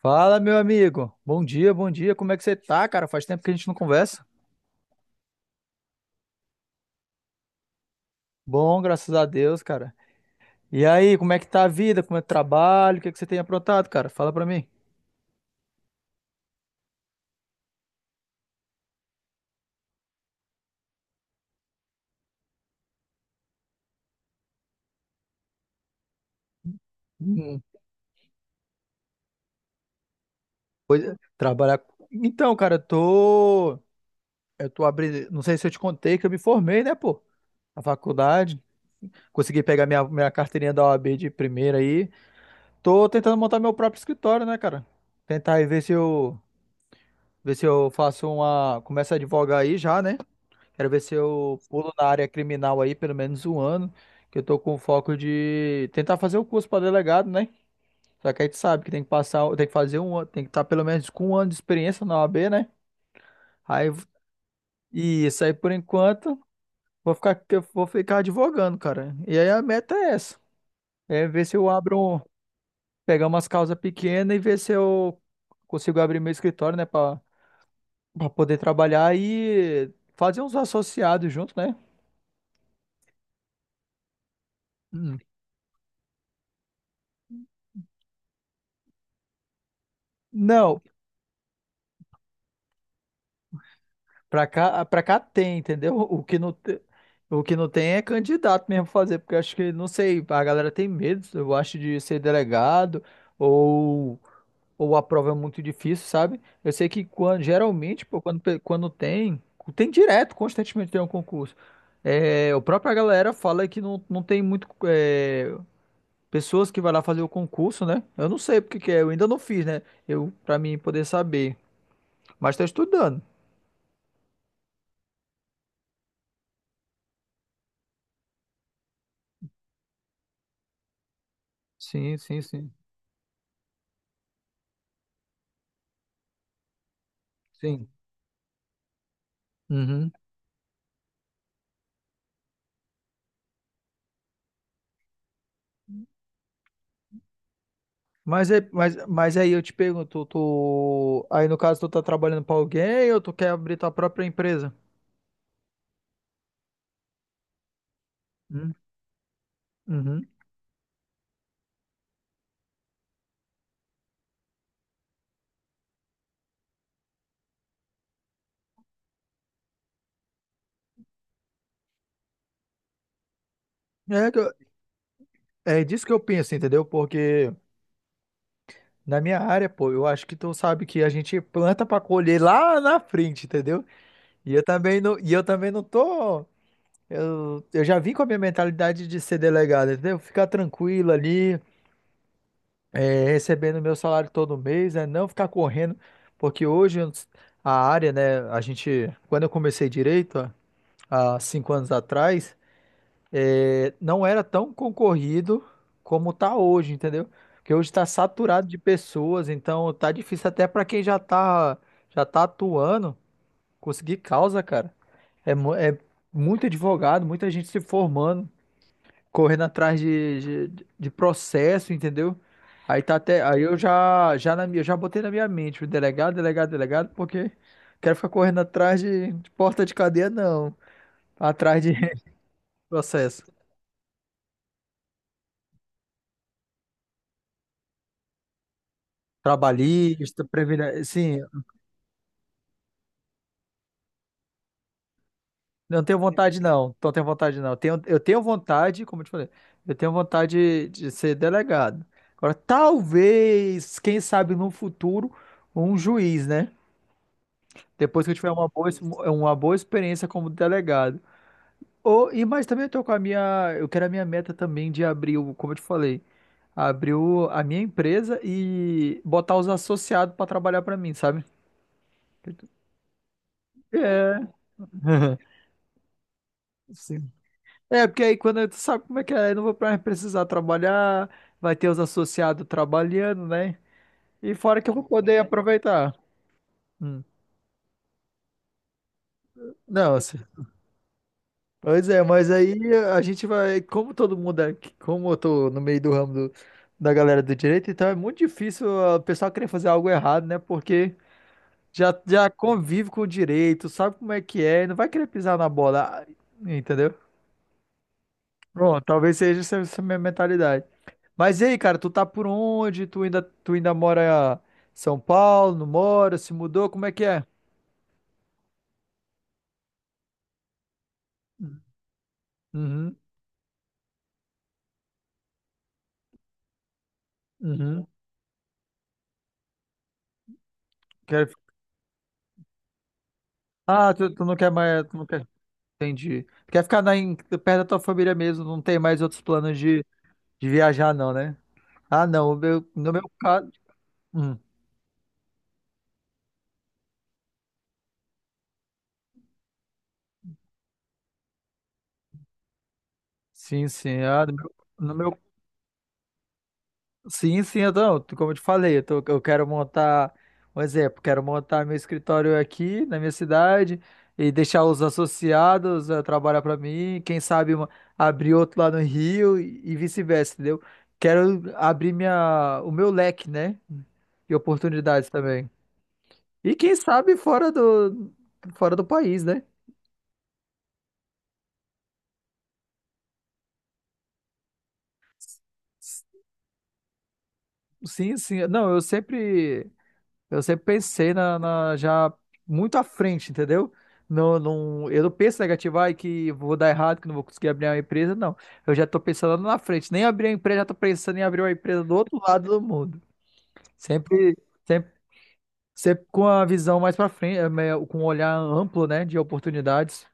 Fala, meu amigo. Bom dia, bom dia. Como é que você tá, cara? Faz tempo que a gente não conversa. Bom, graças a Deus, cara. E aí, como é que tá a vida? Como é o trabalho? O que é que você tem aprontado, cara? Fala pra mim. Hum, pois é, trabalhar. Então, cara, eu tô. Eu tô abrindo. Não sei se eu te contei que eu me formei, né, pô? Na faculdade. Consegui pegar minha carteirinha da OAB de primeira aí. Tô tentando montar meu próprio escritório, né, cara? Tentar aí ver se eu. Ver se eu faço uma. Começo a advogar aí já, né? Quero ver se eu pulo na área criminal aí pelo menos um ano, que eu tô com foco de tentar fazer o curso para delegado, né? Só que a gente sabe que tem que passar, tem que fazer um ano, tem que estar pelo menos com um ano de experiência na OAB, né? Aí e isso aí por enquanto, vou ficar eu vou ficar advogando, cara. E aí a meta é essa, é ver se eu abro, pegar umas causas pequenas e ver se eu consigo abrir meu escritório, né, para poder trabalhar e fazer uns associados junto, né? Hum. Não, pra cá, ah, pra cá tem, entendeu? O que não tem é candidato mesmo fazer, porque eu acho que, não sei, a galera tem medo, eu acho, de ser delegado ou, ou a prova é muito difícil, sabe? Eu sei que quando, geralmente, pô, quando tem, tem direto, constantemente tem um concurso. É, o própria galera fala que não tem muito é, pessoas que vai lá fazer o concurso, né? Eu não sei porque que é, eu ainda não fiz, né? Eu, pra mim poder saber, mas tá estudando. Sim, sim, sim. Sim. Uhum. Mas, mas aí eu te pergunto, tu, aí no caso tu tá trabalhando pra alguém ou tu quer abrir tua própria empresa? Hum. Uhum. É, que eu- é disso que eu penso, entendeu? Porque na minha área, pô, eu acho que tu sabe que a gente planta pra colher lá na frente, entendeu? E eu também não tô, eu já vim com a minha mentalidade de ser delegado, entendeu? Ficar tranquilo ali, é, recebendo meu salário todo mês, é não ficar correndo, porque hoje a área, né, a gente, quando eu comecei direito, há 5 anos atrás, é, não era tão concorrido como tá hoje, entendeu? Porque hoje está saturado de pessoas, então tá difícil até para quem já tá atuando, conseguir causa, cara. É muito advogado, muita gente se formando correndo atrás de processo, entendeu? Aí tá até, aí eu já na minha, já botei na minha mente o delegado, delegado, delegado, porque quero ficar correndo atrás de porta de cadeia não, atrás de processo trabalhista, previdência, sim, não tenho vontade não. Tenho, eu tenho vontade, como eu te falei, eu tenho vontade de ser delegado. Agora, talvez, quem sabe no futuro, um juiz, né? Depois que eu tiver uma boa, uma boa experiência como delegado. E mas também eu tô com a minha, eu quero a minha meta também de abrir, como eu te falei, abrir a minha empresa e botar os associados para trabalhar para mim, sabe? É. Sim. É, porque aí tu sabe como é que é, eu não vou mais precisar trabalhar, vai ter os associados trabalhando, né? E fora que eu vou poder aproveitar. Hum. Não, pois é, mas aí a gente vai, como todo mundo é aqui, como eu tô no meio do ramo da galera do direito, então é muito difícil o pessoal querer fazer algo errado, né? Porque já convive com o direito, sabe como é que é, não vai querer pisar na bola, entendeu? Bom, talvez seja essa, essa minha mentalidade. Mas e aí, cara, tu tá por onde? Tu ainda mora em São Paulo? Não mora? Se mudou? Como é que é? Uhum, uhum. Quero... Ah, tu não quer mais, tu não quer. Entendi. Tu quer ficar na, perto da tua família mesmo, não tem mais outros planos de viajar, não, né? Ah, não. No meu caso. Hum, sim, sim. Ah, no meu, sim, sim, então, como eu te falei, eu quero montar, um exemplo, quero montar meu escritório aqui na minha cidade e deixar os associados eh, trabalhar para mim. Abrir outro lá no Rio e vice-versa, entendeu? Quero abrir minha, o meu leque, né? E oportunidades também. E quem sabe fora do país, né? Sim, sim. Não, eu sempre pensei na, já muito à frente, entendeu? Não, não, eu não penso negativo, ai, que vou dar errado, que não vou conseguir abrir uma empresa, não. Eu já tô pensando na frente. Nem abrir a empresa, já tô pensando em abrir uma empresa do outro lado do mundo. Sempre, sempre, sempre com a visão mais pra frente, com um olhar amplo, né, de oportunidades.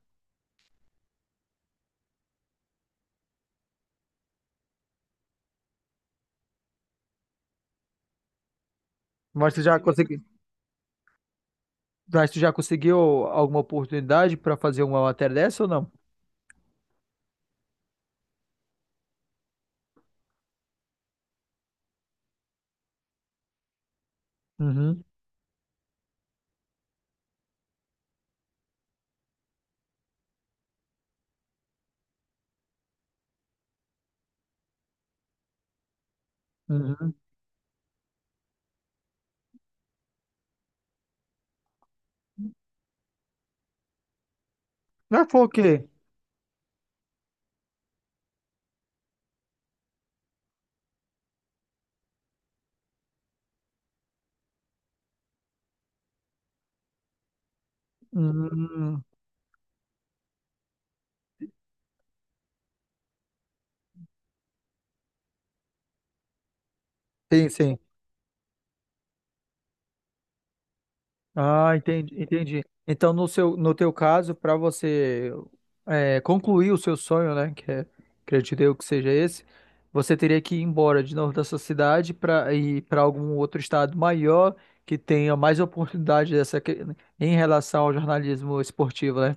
Mas tu já conseguiu, mas tu já conseguiu alguma oportunidade para fazer uma matéria dessa ou não? Uhum, uhum. Ah, foi o quê? Hum, sim, sim. Ah, entendi, entendi. Então, no teu caso, para você é, concluir o seu sonho, né, que é, acredito eu que seja esse, você teria que ir embora de novo da sua cidade para ir para algum outro estado maior que tenha mais oportunidade dessa que- em relação ao jornalismo esportivo, né?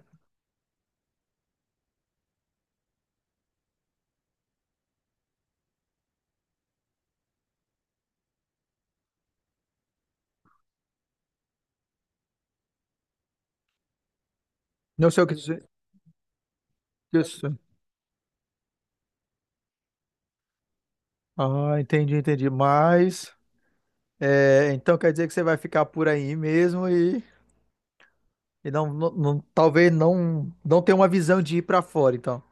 Não sei o que dizer. Isso. Ah, entendi, entendi. Mas, é, então quer dizer que você vai ficar por aí mesmo e não, talvez não, não tenha uma visão de ir para fora, então.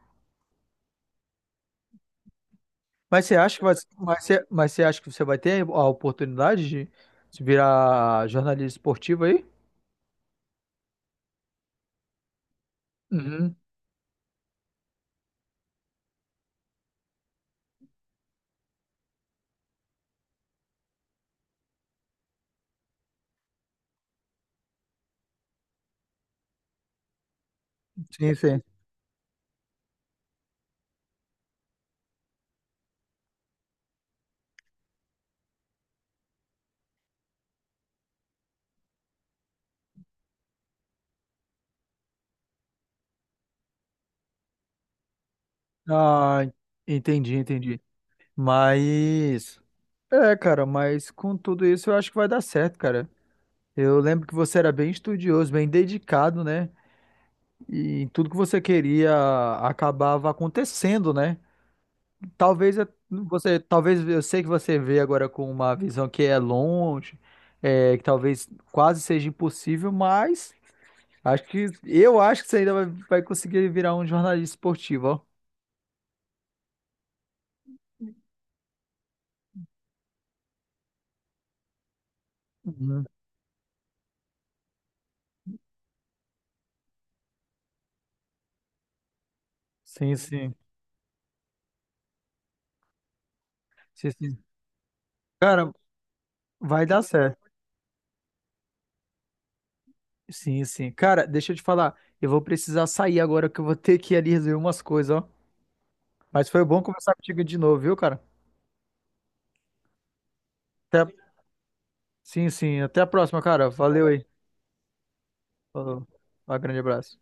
Mas você acha que vai, mas você acha que você vai ter a oportunidade de se virar jornalista esportivo aí? Uhum. Sim, sim. Ah, entendi, entendi. Mas é, cara, mas com tudo isso eu acho que vai dar certo, cara. Eu lembro que você era bem estudioso, bem dedicado, né? E tudo que você queria acabava acontecendo, né? Talvez eu sei que você vê agora com uma visão que é longe, é, que talvez quase seja impossível, mas acho que eu acho que você ainda vai, vai conseguir virar um jornalista esportivo, ó. Uhum. Sim, sim. Sim, sim. Cara, vai dar certo. Sim, sim. Cara, deixa eu te falar, eu vou precisar sair agora que eu vou ter que ir ali resolver umas coisas, ó. Mas foi bom conversar contigo de novo, viu, cara? Até... Sim, sim. Até a próxima, cara. Valeu aí. Falou. Um grande abraço.